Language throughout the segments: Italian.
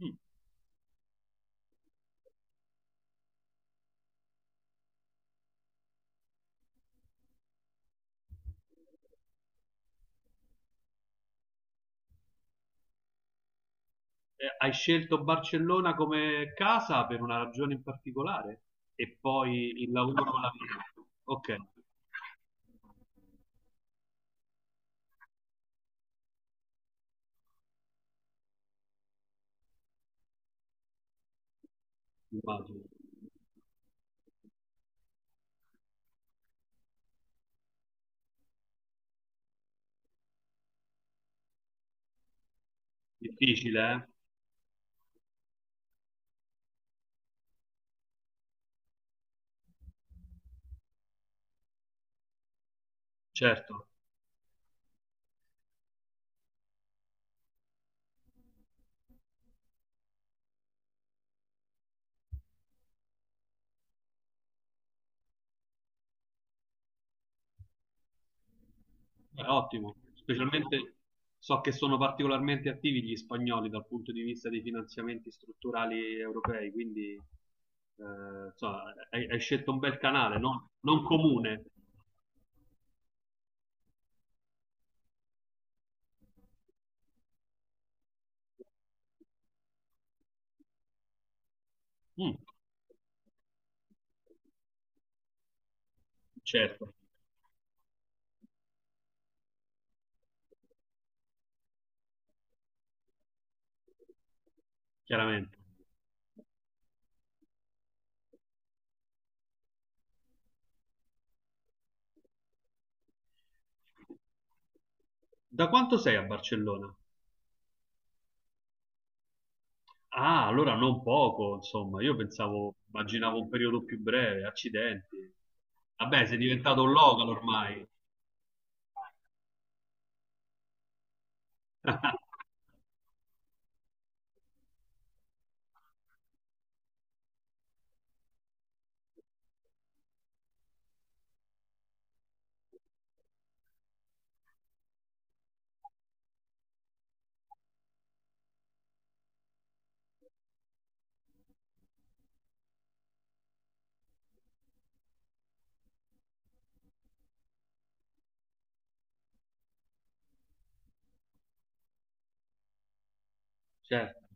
Mm. Hai scelto Barcellona come casa per una ragione in particolare? E poi il lavoro con la vita. Ok, immagino. Difficile, eh? Certo, è ottimo. Specialmente so che sono particolarmente attivi gli spagnoli dal punto di vista dei finanziamenti strutturali europei, quindi insomma, hai scelto un bel canale, non comune. Mm, certo, chiaramente. Da quanto sei a Barcellona? Ah, allora non poco, insomma, io pensavo, immaginavo un periodo più breve, accidenti. Vabbè, sei diventato un local ormai. Certo.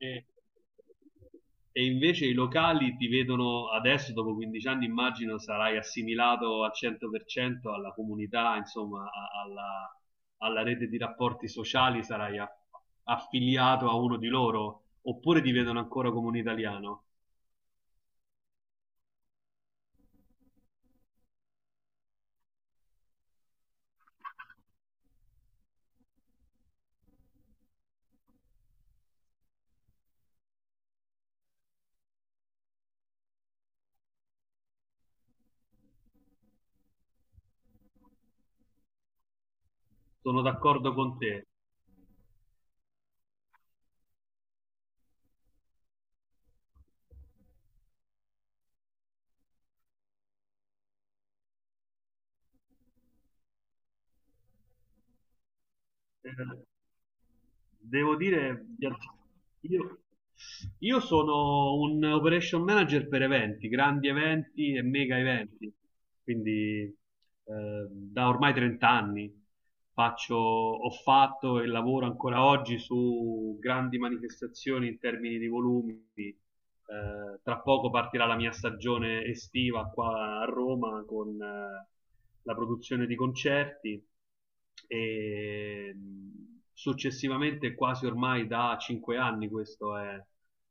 E, e invece i locali ti vedono adesso, dopo 15 anni, immagino sarai assimilato al 100% alla comunità, insomma, alla, alla rete di rapporti sociali, affiliato a uno di loro, oppure ti vedono ancora come un italiano. Sono d'accordo con te. Eh, devo dire, io, io sono un operation manager per eventi, grandi eventi e mega eventi, quindi eh, da ormai 30 anni faccio, ho fatto e lavoro ancora oggi su grandi manifestazioni in termini di volumi. Tra poco partirà la mia stagione estiva qua a Roma con la produzione di concerti e successivamente, quasi ormai da 5 anni, questo è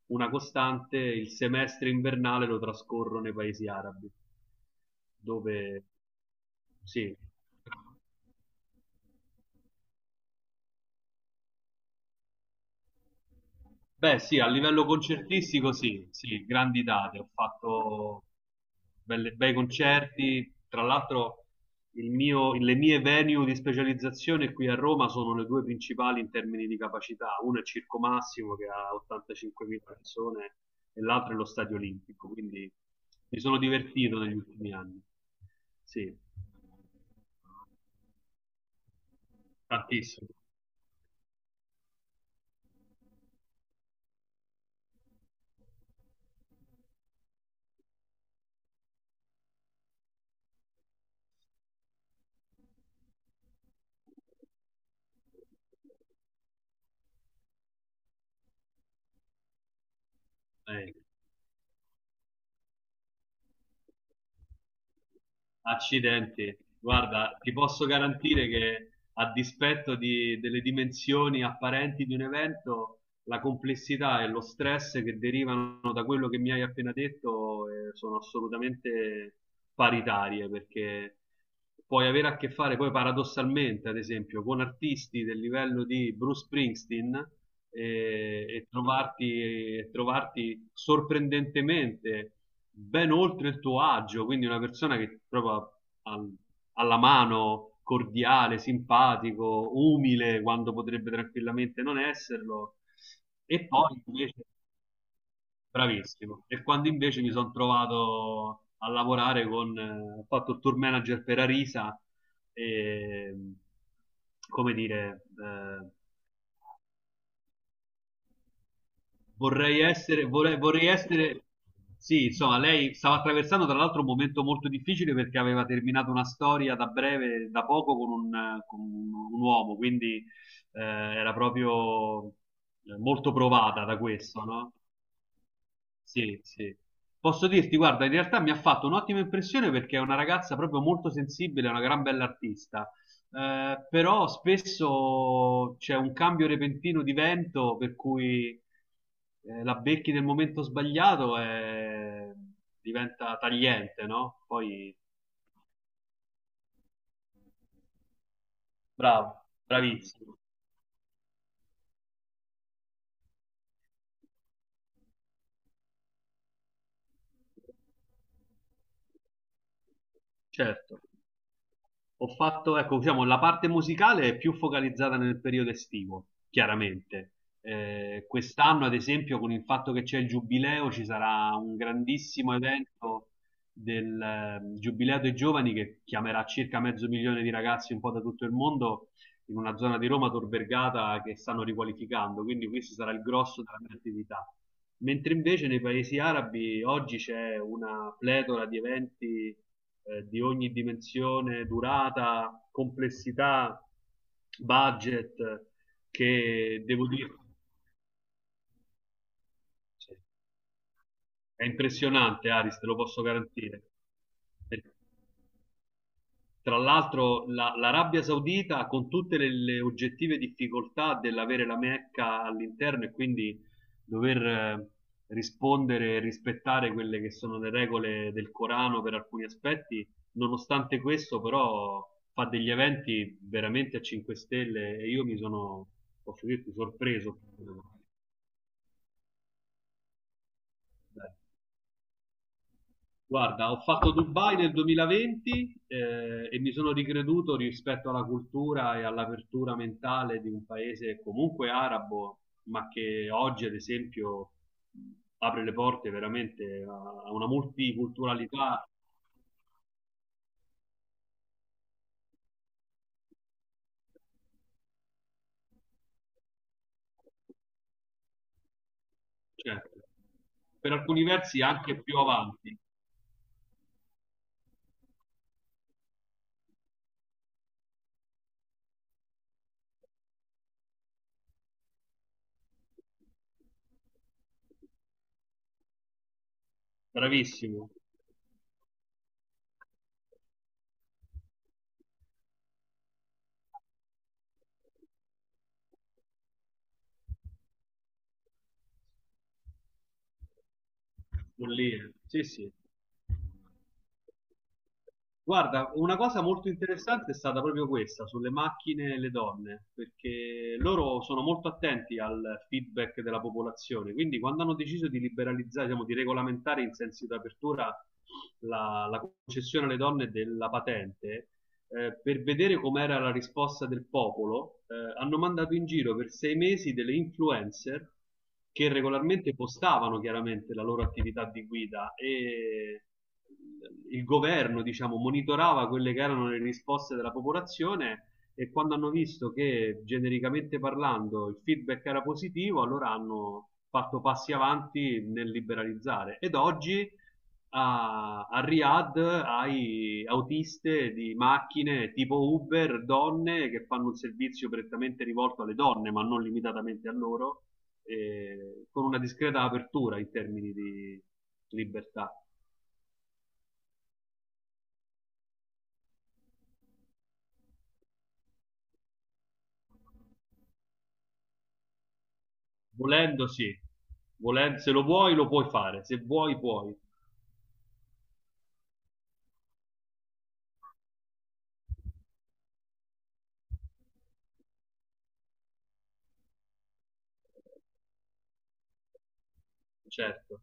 una costante, il semestre invernale lo trascorro nei paesi arabi, dove sì. Beh, sì, a livello concertistico sì, sì, grandi date, ho fatto bei concerti, tra l'altro le mie venue di specializzazione qui a Roma sono le due principali in termini di capacità, una è Circo Massimo che ha 85.000 persone e l'altra è lo Stadio Olimpico, quindi mi sono divertito negli ultimi anni, sì, tantissimo. Eh, Accidenti, guarda, ti posso garantire che a dispetto delle dimensioni apparenti di un evento, la complessità e lo stress che derivano da quello che mi hai appena detto, sono assolutamente paritarie, perché puoi avere a che fare poi paradossalmente, ad esempio, con artisti del livello di Bruce Springsteen eh, e, trovarti, e trovarti sorprendentemente ben oltre il tuo agio, quindi una persona che proprio al- alla mano, cordiale, simpatico, umile, quando potrebbe tranquillamente non esserlo. E poi invece bravissimo. E quando invece mi sono trovato a lavorare con, ho fatto il tour manager per Arisa e, come dire, vorrei essere, sì, insomma, lei stava attraversando tra l'altro un momento molto difficile perché aveva terminato una storia da breve, da poco, un uomo, quindi era proprio molto provata da questo, no? Sì, sì. Posso dirti, guarda, in realtà mi ha fatto un'ottima impressione perché è una ragazza proprio molto sensibile, è una gran bella artista. Però spesso c'è un cambio repentino di vento per cui la becchi nel momento sbagliato e diventa tagliente, no? Poi bravo, bravissimo, certo. Ho fatto, ecco, diciamo, la parte musicale è più focalizzata nel periodo estivo, chiaramente. Quest'anno, ad esempio, con il fatto che c'è il giubileo, ci sarà un grandissimo evento del Giubileo dei Giovani che chiamerà circa mezzo milione di ragazzi un po' da tutto il mondo in una zona di Roma, Tor Vergata, che stanno riqualificando, quindi questo sarà il grosso della mia attività. Mentre invece nei paesi arabi oggi c'è una pletora di eventi di ogni dimensione, durata, complessità, budget, che devo dire sì, è impressionante, Aris, te lo posso garantire. Tra l'altro l'Arabia Saudita con tutte le oggettive difficoltà dell'avere la Mecca all'interno e quindi dover rispondere e rispettare quelle che sono le regole del Corano per alcuni aspetti, nonostante questo però fa degli eventi veramente a 5 stelle e io mi sono, posso dirti, sorpreso. Dai. Guarda, ho fatto Dubai nel 2020 e mi sono ricreduto rispetto alla cultura e all'apertura mentale di un paese comunque arabo, ma che oggi, ad esempio, apre le porte veramente a a una multiculturalità, cioè, per alcuni versi anche più avanti. Bravissimo, follia. Sì, sì. Guarda, una cosa molto interessante è stata proprio questa sulle macchine e le donne, perché loro sono molto attenti al feedback della popolazione, quindi quando hanno deciso di liberalizzare, diciamo, di regolamentare in senso di apertura la concessione alle donne della patente, per vedere com'era la risposta del popolo, hanno mandato in giro per 6 mesi delle influencer che regolarmente postavano chiaramente la loro attività di guida e il governo, diciamo, monitorava quelle che erano le risposte della popolazione e quando hanno visto che genericamente parlando il feedback era positivo, allora hanno fatto passi avanti nel liberalizzare. Ed oggi a Riyadh hai autiste di macchine tipo Uber, donne che fanno un servizio prettamente rivolto alle donne, ma non limitatamente a loro, con una discreta apertura in termini di libertà. Volendo, sì, se lo vuoi, lo puoi fare, se vuoi, puoi, certo.